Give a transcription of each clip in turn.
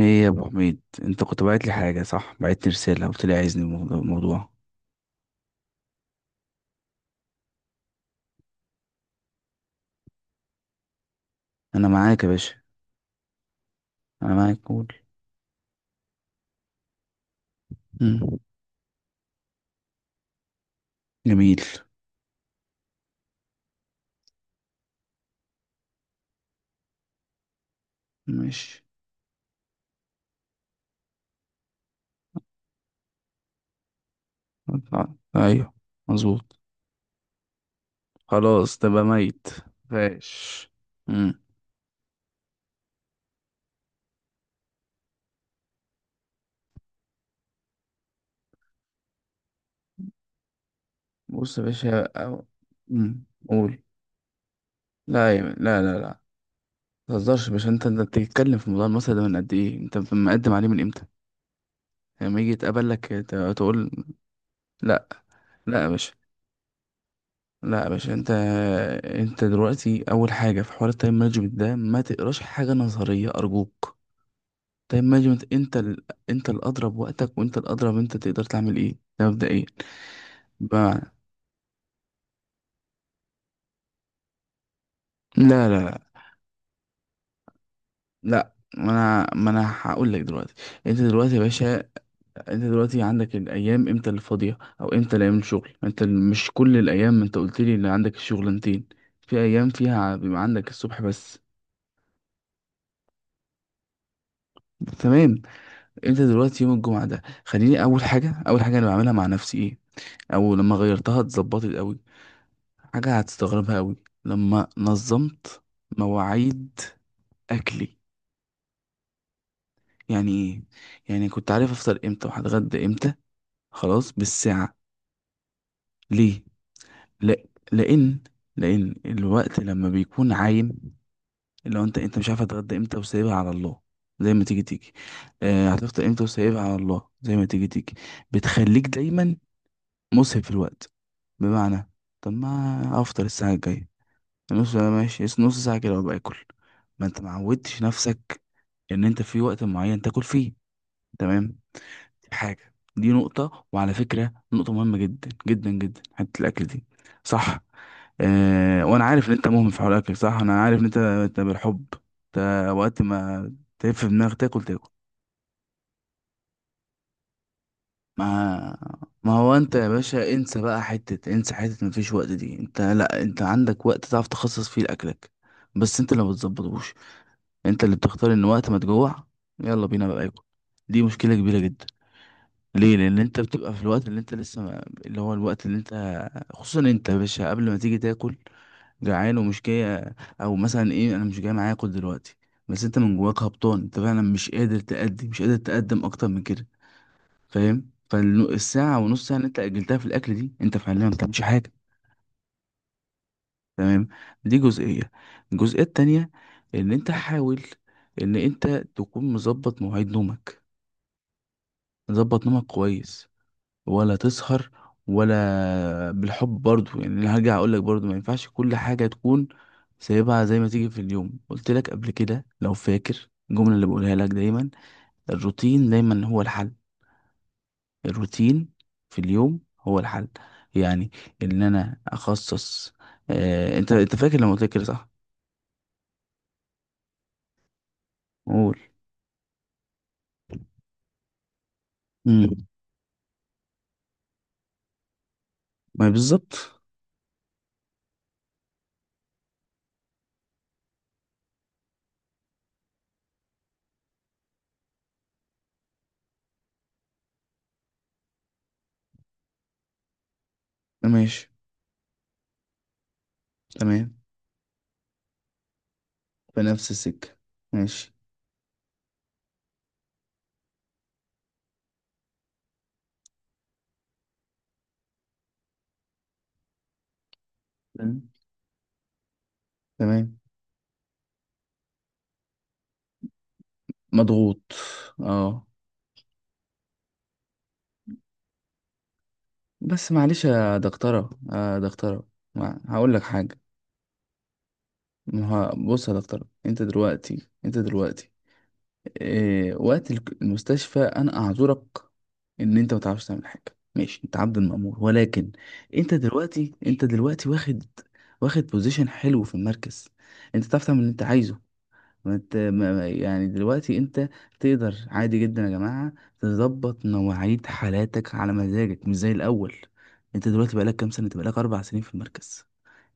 ايه يا ابو حميد، انت كنت باعت لي حاجه، صح؟ بعت لي رساله قلت لي عايزني الموضوع. انا معاك يا باشا، انا معاك، قول. مم. جميل. ماشي. آه، ايوه، مظبوط. خلاص تبقى ميت فاش. مم. بص يا باشا، مم. قول. لا لا لا. متهزرش يا باشا، انت بتتكلم في موضوع المسألة ده من قد ايه؟ انت مقدم عليه من امتى؟ لما يجي يتقبل لك تقول. لا. لا يا باشا، لا يا باشا، انت. انت دلوقتي اول حاجه، في حوار التايم مانجمنت ده، ما تقراش حاجه نظريه ارجوك. تايم مانجمنت. انت الاضرب وقتك، وانت الاضرب انت تقدر تعمل ايه، ده مبدئيا. ب... لا لا لا. لا، ما انا هقول لك دلوقتي. انت دلوقتي يا باشا، انت دلوقتي عندك الايام امتى اللي فاضيه، او امتى اللي ايام الشغل، مش كل الايام، انت قلت لي اللي عندك الشغلانتين، في ايام فيها بيبقى عندك الصبح بس. تمام. انت دلوقتي يوم الجمعه ده، خليني اول حاجه انا بعملها مع نفسي ايه، او لما غيرتها اتظبطت قوي، حاجه هتستغربها قوي. لما نظمت مواعيد اكلي. يعني ايه؟ يعني كنت عارف افطر امتى وهتغدى امتى، خلاص بالساعه. ليه؟ لا، لان، لان الوقت لما بيكون عايم، اللي هو انت مش عارف هتغدى امتى وسايبها على الله، زي ما تيجي تيجي. آه، هتفطر امتى وسايبها على الله زي ما تيجي تيجي. بتخليك دايما مسهب في الوقت. بمعنى، طب ما افطر الساعة الجاية، نص ساعة ماشي، نص ساعة كده وابقى اكل. ما انت ما عودتش نفسك ان انت في وقت معين تاكل فيه. تمام. دي حاجة، دي نقطة، وعلى فكرة نقطة مهمة جدا جدا جدا، حتة الاكل دي. صح. آه، وانا عارف ان انت مهمل في حوار الاكل، صح، انا عارف ان انت بالحب، انت وقت ما تلف في دماغك تاكل تاكل. ما، ما هو انت يا باشا انسى بقى، حتة انسى حتة مفيش وقت دي، انت لا، انت عندك وقت تعرف تخصص فيه لأكلك، بس انت اللي ما بتظبطوش، انت اللي بتختار ان وقت ما تجوع يلا بينا بقى اكل. دي مشكلة كبيرة جدا. ليه؟ لان انت بتبقى في الوقت اللي انت لسه ما... اللي هو الوقت اللي انت، خصوصا انت يا باشا قبل ما تيجي تاكل جعان ومش جاي، او مثلا ايه، انا مش جاي معايا اكل دلوقتي، بس انت من جواك هبطان، انت فعلا مش قادر تأدي، مش قادر تقدم اكتر من كده. فاهم؟ فالساعة ونص ساعة اللي انت أجلتها في الأكل دي، انت فعليا ما بتعملش حاجة. تمام. دي جزئية. الجزئية التانية، إن انت حاول إن انت تكون مظبط مواعيد نومك، مظبط نومك كويس، ولا تسهر، ولا بالحب برضو، يعني انا هرجع أقولك برضو ما ينفعش كل حاجة تكون سايبها زي ما تيجي في اليوم. قلت لك قبل كده لو فاكر الجملة اللي بقولها لك دايما، الروتين دايما هو الحل، الروتين في اليوم هو الحل. يعني ان انا اخصص. آه، انت فاكر لما قلت لك كده، صح؟ قول. امم. ما بالظبط. ماشي. تمام. في نفس السكه. ماشي. تمام. تمام. مضغوط. اه. بس معلش يا دكتوره يا دكتوره، هقول لك حاجه. ما هو- بص يا دكتوره، انت دلوقتي إيه وقت المستشفى، انا اعذرك ان انت ما تعرفش تعمل حاجه، ماشي، انت عبد المأمور، ولكن انت دلوقتي، انت دلوقتي واخد بوزيشن حلو في المركز، انت تعرف تعمل اللي انت عايزه. ما انت، يعني دلوقتي انت تقدر عادي جدا يا جماعه تظبط مواعيد حالاتك على مزاجك، مش زي الاول. انت دلوقتي بقالك كام سنه، انت بقالك 4 سنين في المركز،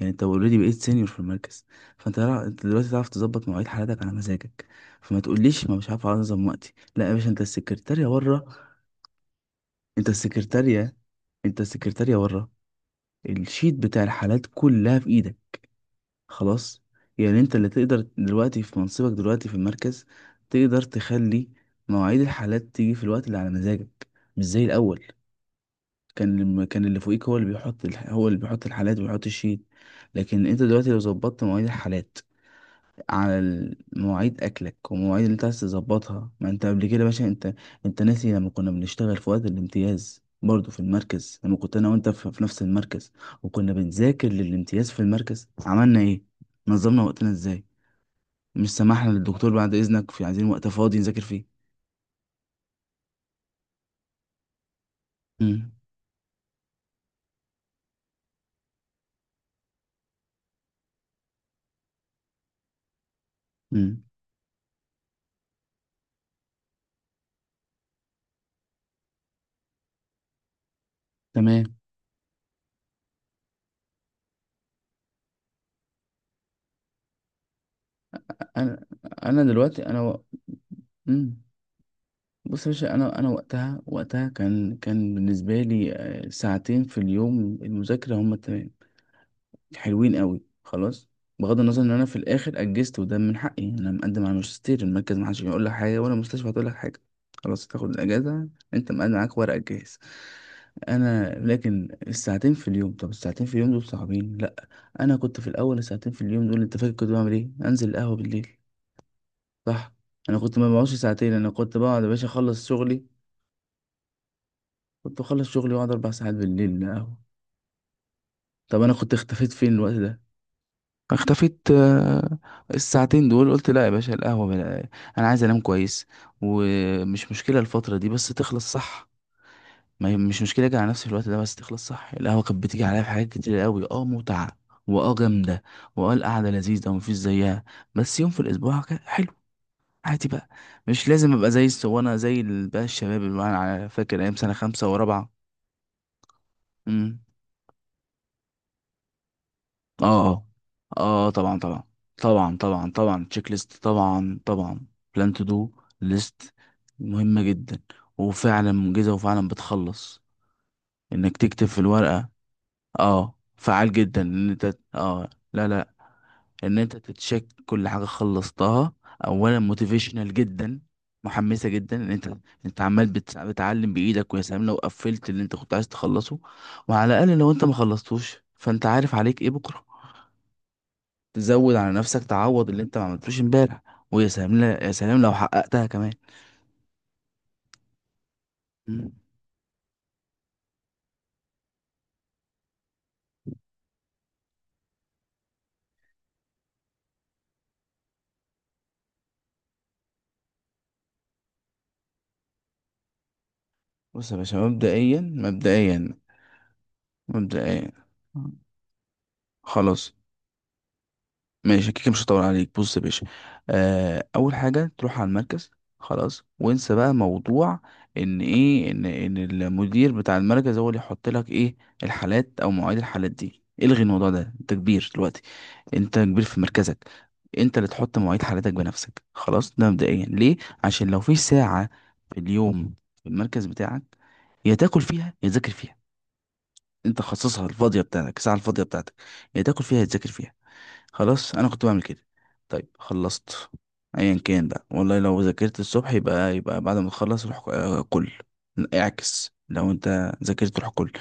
يعني انت اوريدي بقيت سينيور في المركز. فانت لا- انت دلوقتي تعرف تظبط مواعيد حالاتك على مزاجك. فما تقوليش ما مش عارف انظم وقتي، لا يا باشا، انت السكرتارية بره، انت السكرتارية انت السكرتارية بره، الشيت بتاع الحالات كلها في ايدك، خلاص. يعني انت اللي تقدر دلوقتي في منصبك، دلوقتي في المركز، تقدر تخلي مواعيد الحالات تيجي في الوقت اللي على مزاجك، مش زي الاول، كان اللي فوقيك هو اللي بيحط هو اللي بيحط الحالات وبيحط الشيت. لكن انت دلوقتي لو ظبطت مواعيد الحالات على مواعيد اكلك ومواعيد اللي انت عايز تظبطها. ما انت قبل كده يا باشا انت، انت ناسي لما كنا بنشتغل في وقت الامتياز برضه في المركز، لما كنت انا وانت في نفس المركز، وكنا بنذاكر للامتياز في المركز، عملنا ايه؟ نظمنا وقتنا ازاي؟ مش سمحنا للدكتور بعد اذنك في، عايزين وقت فاضي نذاكر فيه. امم. امم. تمام. انا انا دلوقتي مم. بص يا باشا، انا وقتها، وقتها كان بالنسبه لي، ساعتين في اليوم المذاكره هم التمام، حلوين قوي، خلاص. بغض النظر ان انا في الاخر اجزت، وده من حقي، انا مقدم على الماجستير، المركز ما حدش هيقول لك حاجه، ولا المستشفى هتقول لك حاجه، خلاص تاخد الاجازه، انت مقدم، معاك ورقك جاهز. انا لكن الساعتين في اليوم، طب الساعتين في اليوم دول صعبين؟ لا. انا كنت في الاول الساعتين في اليوم دول، انت فاكر كنت بعمل ايه؟ انزل القهوه بالليل، صح؟ انا كنت ما بقعدش ساعتين، انا كنت بقعد يا باشا اخلص شغلي، كنت اخلص شغلي واقعد 4 ساعات بالليل القهوه. طب انا كنت اختفيت فين الوقت ده؟ اختفيت. الساعتين دول قلت لا يا باشا القهوة انا عايز انام كويس، ومش مشكلة الفترة دي بس تخلص، صح؟ ما هي مش مشكلة اجي على نفسي في الوقت ده بس تخلص، صح؟ القهوة كانت بتيجي عليا في حاجات كتير قوي، اه متعة، واه جامدة، واه القعدة لذيذة ومفيش زيها. بس يوم في الاسبوع كان حلو، عادي بقى، مش لازم ابقى زي الصوانة، بقى الشباب اللي انا فاكر ايام سنة خمسة ورابعة. اه. اه. آه، طبعا طبعا طبعا. طبعا طبعا، تشيك ليست، طبعا طبعا. بلان تو دو ليست، مهمة جدا، وفعلا منجزة، وفعلا بتخلص انك تكتب في الورقة. اه، فعال جدا، ان انت، اه، لا لا، ان انت تتشيك كل حاجة خلصتها، اولا موتيفيشنال جدا، محمسة جدا ان انت، انت عمال بتعلم بايدك، ويا سلام لو قفلت اللي انت كنت عايز تخلصه. وعلى الاقل لو انت ما خلصتوش، فانت عارف عليك ايه بكرة، تزود على نفسك تعوض اللي انت ما عملتوش امبارح. ويا سلام، لا يا سلام لو حققتها كمان. مم. بص يا باشا، مبدئيا، مبدئيا، مبدئيا، خلاص، ماشي كده مش هطول عليك. بص يا باشا، آه، اول حاجه تروح على المركز، خلاص، وانسى بقى موضوع ان ايه، ان المدير بتاع المركز هو اللي يحط لك ايه، الحالات او مواعيد الحالات دي، الغي الموضوع ده، انت كبير دلوقتي، انت كبير في مركزك، انت اللي تحط مواعيد حالتك بنفسك، خلاص. ده مبدئيا، ليه؟ عشان لو في ساعة في اليوم في المركز بتاعك، يا تاكل فيها يا تذاكر فيها، انت خصصها، الفاضية بتاعتك، الساعة الفاضية بتاعتك، يا تاكل فيها يا تذاكر فيها، خلاص. انا كنت بعمل كده. طيب، خلصت، ايا كان بقى والله، لو ذاكرت الصبح يبقى بعد ما تخلص روح كل. اعكس، لو انت ذاكرت روح كل،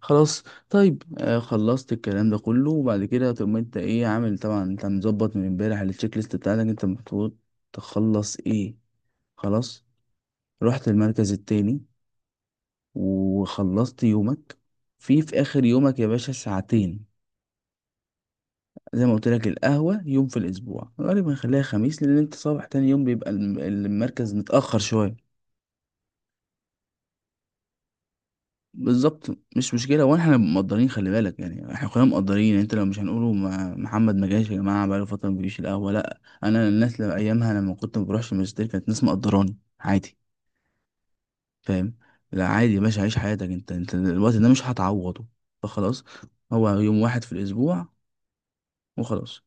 خلاص. طيب، خلصت الكلام ده كله، وبعد كده تقوم انت ايه عامل؟ طبعا انت مظبط من امبارح التشيك ليست بتاعتك، انت المفروض تخلص ايه، خلاص، رحت المركز التاني وخلصت يومك. في اخر يومك يا باشا ساعتين. زي ما قلت لك، القهوة يوم في الأسبوع، غالبا هنخليها خميس، لأن أنت صباح تاني يوم بيبقى المركز متأخر شويه. بالظبط. مش مشكلة، وإحنا مقدرين، خلي بالك، يعني إحنا كلنا مقدرين يعني. أنت لو مش هنقوله ما محمد ما جاش يا جماعة بقاله فترة ما بيجيش القهوة، لأ، أنا الناس لما أيامها لما كنت ما بروحش الماجستير، كانت ناس مقدراني عادي. فاهم؟ لا، عادي يا باشا، عيش حياتك، أنت الوقت ده مش هتعوضه. فخلاص، هو يوم واحد في الأسبوع، وخلاص.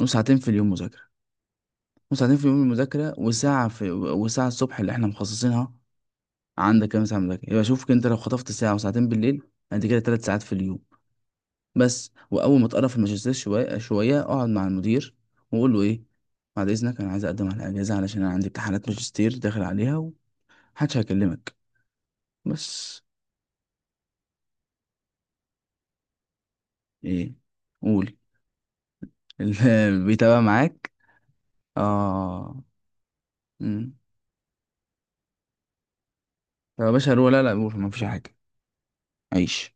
وساعتين في اليوم مذاكرة، وساعتين في يوم المذاكرة، وساعة في، وساعة الصبح اللي احنا مخصصينها، عندك كام ساعة مذاكرة؟ يبقى شوف انت، لو خطفت ساعة وساعتين بالليل، انت كده 3 ساعات في اليوم، بس. وأول ما تقرب في الماجستير شوية شوية، اقعد مع المدير وقول له ايه، بعد إذنك أنا عايز أقدم على أجازة علشان أنا عندي امتحانات ماجستير داخل عليها، ومحدش هيكلمك. بس ايه، قول. اللي بيتابع معاك. اه. مم. طب يا باشا هروح. لا لا، قول، مفيش حاجة. عيش.